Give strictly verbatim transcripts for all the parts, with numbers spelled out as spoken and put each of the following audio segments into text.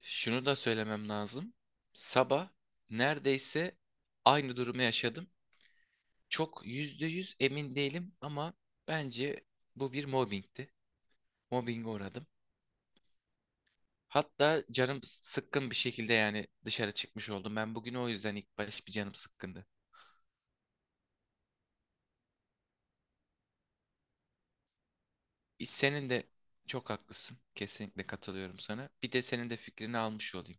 Şunu da söylemem lazım. Sabah neredeyse aynı durumu yaşadım. Çok yüzde yüz emin değilim ama bence bu bir mobbingti. Mobbinge uğradım. Hatta canım sıkkın bir şekilde yani dışarı çıkmış oldum. Ben bugün o yüzden ilk baş bir canım sıkkındı. E, Senin de çok haklısın. Kesinlikle katılıyorum sana. Bir de senin de fikrini almış olayım.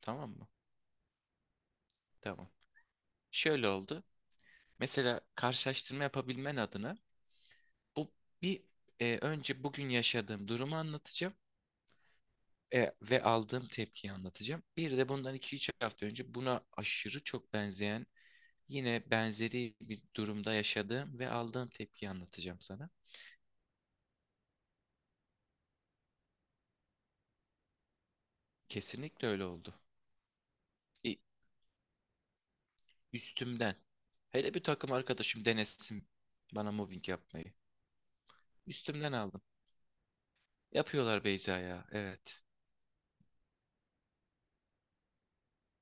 Tamam mı? Tamam. Şöyle oldu. Mesela karşılaştırma yapabilmen adına Bu bir e, önce bugün yaşadığım durumu anlatacağım, e, ve aldığım tepkiyi anlatacağım. Bir de bundan iki üç hafta önce buna aşırı çok benzeyen yine benzeri bir durumda yaşadığım ve aldığım tepkiyi anlatacağım sana. Kesinlikle öyle oldu. E, üstümden. Hele bir takım arkadaşım denesin bana mobbing yapmayı. Üstümden aldım. Yapıyorlar Beyza ya. Evet.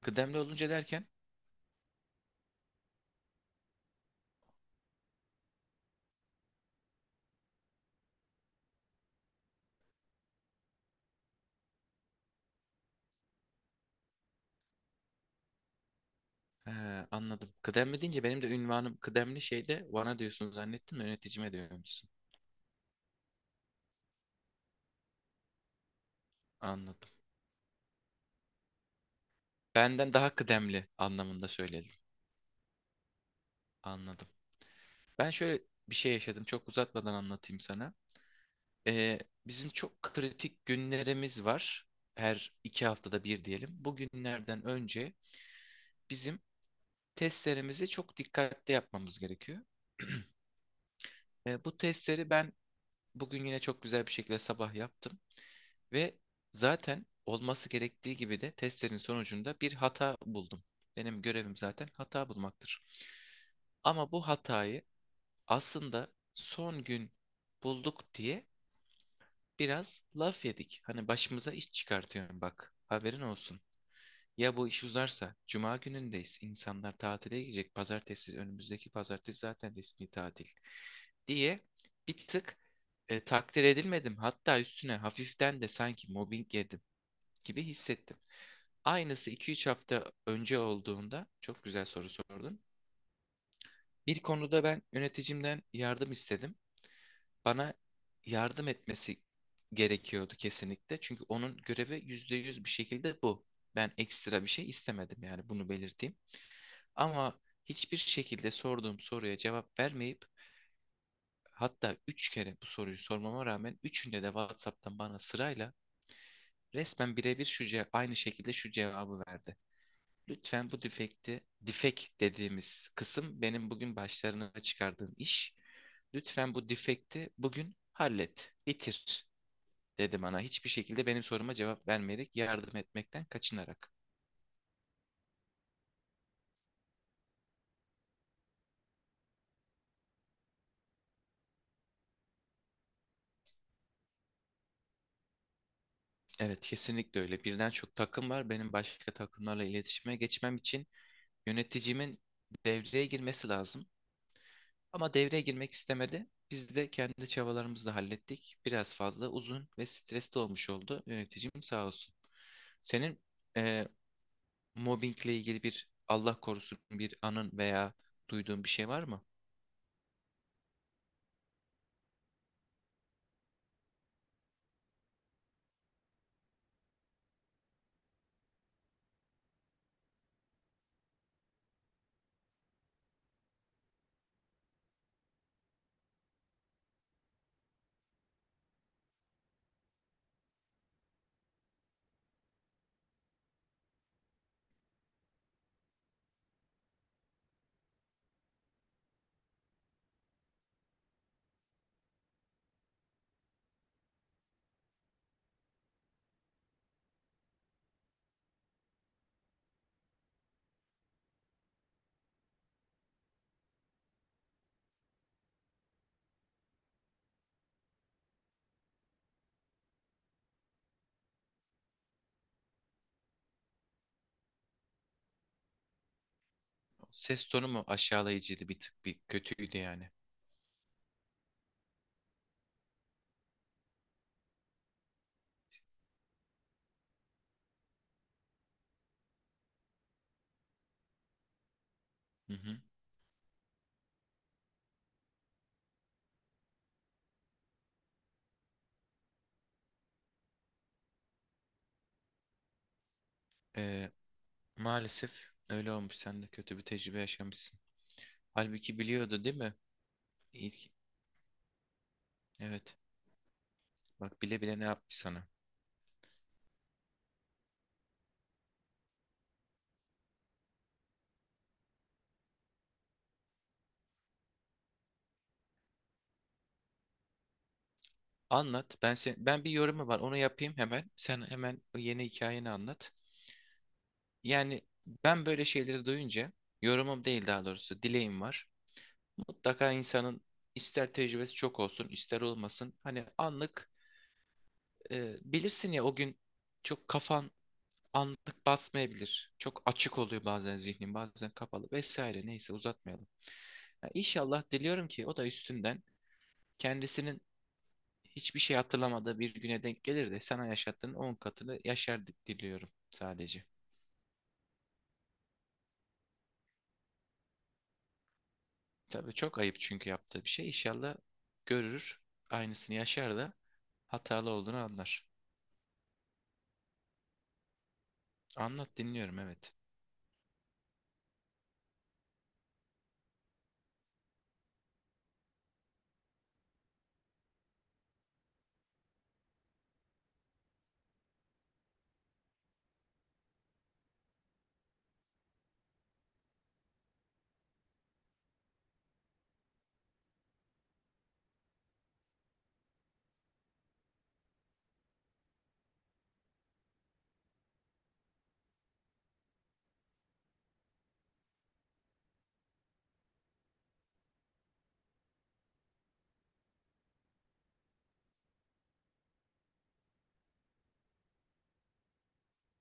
Kıdemli olunca derken he, anladım. Kıdemli deyince benim de ünvanım kıdemli şeyde bana diyorsun zannettim de yöneticime diyormuşsun. Anladım. Benden daha kıdemli anlamında söyledin. Anladım. Ben şöyle bir şey yaşadım. Çok uzatmadan anlatayım sana. Ee, bizim çok kritik günlerimiz var. Her iki haftada bir diyelim. Bu günlerden önce bizim testlerimizi çok dikkatli yapmamız gerekiyor. Ee, bu testleri ben bugün yine çok güzel bir şekilde sabah yaptım. Ve zaten olması gerektiği gibi de testlerin sonucunda bir hata buldum. Benim görevim zaten hata bulmaktır. Ama bu hatayı aslında son gün bulduk diye biraz laf yedik. Hani başımıza iş çıkartıyorum bak. Haberin olsun. Ya bu iş uzarsa, cuma günündeyiz. İnsanlar tatile gidecek pazartesi, önümüzdeki pazartesi zaten resmi tatil diye bir tık e, takdir edilmedim. Hatta üstüne hafiften de sanki mobbing yedim gibi hissettim. Aynısı iki üç hafta önce olduğunda çok güzel soru sordun. Bir konuda ben yöneticimden yardım istedim. Bana yardım etmesi gerekiyordu kesinlikle. Çünkü onun görevi yüzde yüz bir şekilde bu. Ben ekstra bir şey istemedim yani bunu belirteyim. Ama hiçbir şekilde sorduğum soruya cevap vermeyip hatta üç kere bu soruyu sormama rağmen üçünde de WhatsApp'tan bana sırayla resmen birebir şu ce- aynı şekilde şu cevabı verdi. Lütfen bu defekti, defek dediğimiz kısım benim bugün başlarına çıkardığım iş. Lütfen bu defekti bugün hallet, bitir dedi bana. Hiçbir şekilde benim soruma cevap vermeyerek, yardım etmekten kaçınarak. Evet, kesinlikle öyle. Birden çok takım var. Benim başka takımlarla iletişime geçmem için yöneticimin devreye girmesi lazım. Ama devreye girmek istemedi. Biz de kendi çabalarımızla hallettik. Biraz fazla uzun ve stresli olmuş oldu. Yöneticim sağ olsun. Senin eee, mobbingle ilgili bir Allah korusun bir anın veya duyduğun bir şey var mı? Ses tonu mu aşağılayıcıydı, bir tık bir kötüydü yani. Hı hı. Ee, maalesef öyle olmuş. Sen de kötü bir tecrübe yaşamışsın. Halbuki biliyordu değil mi? İlk, evet. Bak bile bile ne yapmış sana. Anlat. Ben sen, ben bir yorumu var. Onu yapayım hemen. Sen hemen o yeni hikayeni anlat. Yani ben böyle şeyleri duyunca yorumum değil, daha doğrusu dileğim var. Mutlaka insanın ister tecrübesi çok olsun, ister olmasın. Hani anlık e, bilirsin ya o gün çok kafan anlık basmayabilir. Çok açık oluyor bazen zihnin, bazen kapalı vesaire. Neyse uzatmayalım. Ya İnşallah diliyorum ki o da üstünden kendisinin hiçbir şey hatırlamadığı bir güne denk gelir de sana yaşattığın on katını yaşar di- diliyorum sadece. Tabii çok ayıp çünkü yaptığı bir şey. İnşallah görür, aynısını yaşar da hatalı olduğunu anlar. Anlat, dinliyorum, evet.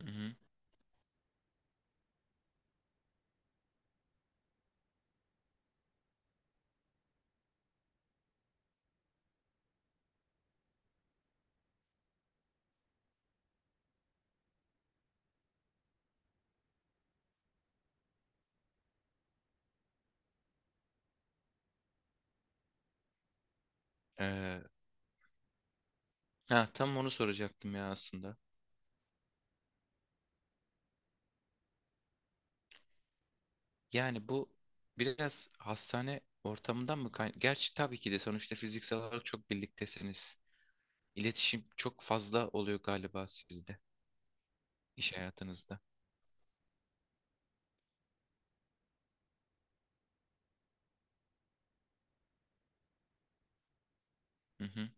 Mhm. Ee, ha, tam onu soracaktım ya aslında. Yani bu biraz hastane ortamından mı kayn gerçi tabii ki de sonuçta fiziksel olarak çok birliktesiniz. İletişim çok fazla oluyor galiba sizde, iş hayatınızda. Hı hı,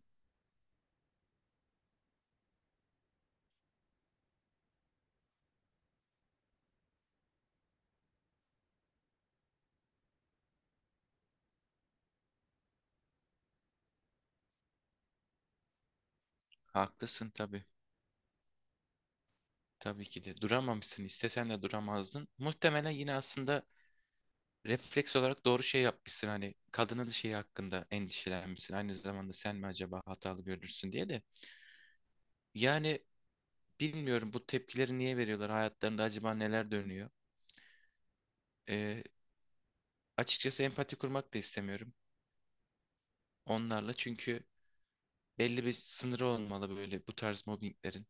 haklısın tabii. Tabii ki de duramamışsın. İstesen de duramazdın. Muhtemelen yine aslında refleks olarak doğru şey yapmışsın. Hani kadının şeyi hakkında endişelenmişsin. Aynı zamanda sen mi acaba hatalı görürsün diye de. Yani bilmiyorum, bu tepkileri niye veriyorlar? Hayatlarında acaba neler dönüyor? Ee, açıkçası empati kurmak da istemiyorum onlarla. Çünkü belli bir sınırı olmalı böyle bu tarz mobbinglerin.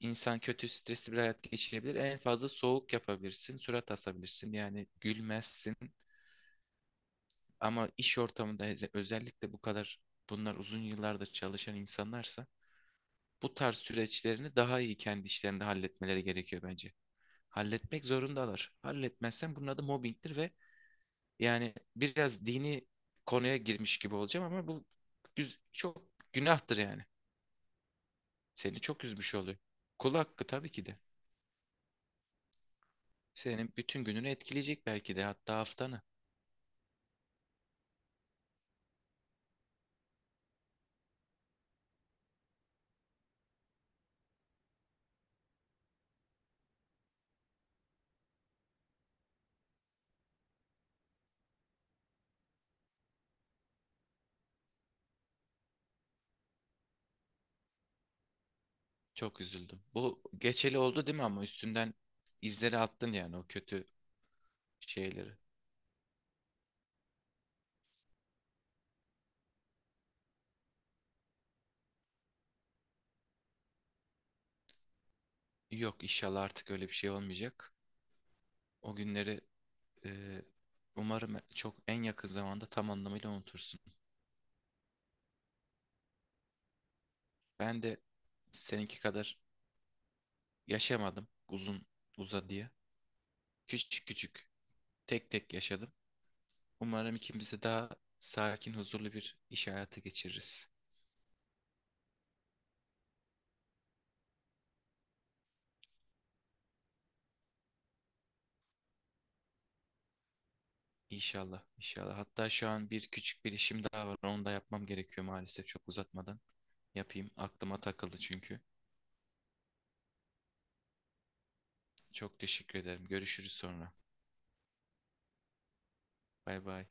İnsan kötü, stresli bir hayat geçirebilir. En fazla soğuk yapabilirsin, surat asabilirsin. Yani gülmezsin. Ama iş ortamında öze- özellikle bu kadar, bunlar uzun yıllarda çalışan insanlarsa bu tarz süreçlerini daha iyi kendi işlerinde halletmeleri gerekiyor bence. Halletmek zorundalar. Halletmezsen bunun adı mobbingtir. Ve yani biraz dini konuya girmiş gibi olacağım ama bu güz- çok günahtır yani. Seni çok üzmüş oluyor. Kul hakkı tabii ki de. Senin bütün gününü etkileyecek belki de, hatta haftanı. Çok üzüldüm. Bu geçeli oldu değil mi ama üstünden izleri attın yani o kötü şeyleri. Yok, inşallah artık öyle bir şey olmayacak. O günleri e, umarım çok en yakın zamanda tam anlamıyla unutursun. Ben de seninki kadar yaşamadım uzun uzadıya. Küçük küçük, tek tek yaşadım. Umarım ikimiz de daha sakin, huzurlu bir iş hayatı geçiririz. İnşallah, inşallah. Hatta şu an bir küçük bir işim daha var. Onu da yapmam gerekiyor maalesef çok uzatmadan. Yapayım. Aklıma takıldı çünkü. Çok teşekkür ederim. Görüşürüz sonra. Bay bay.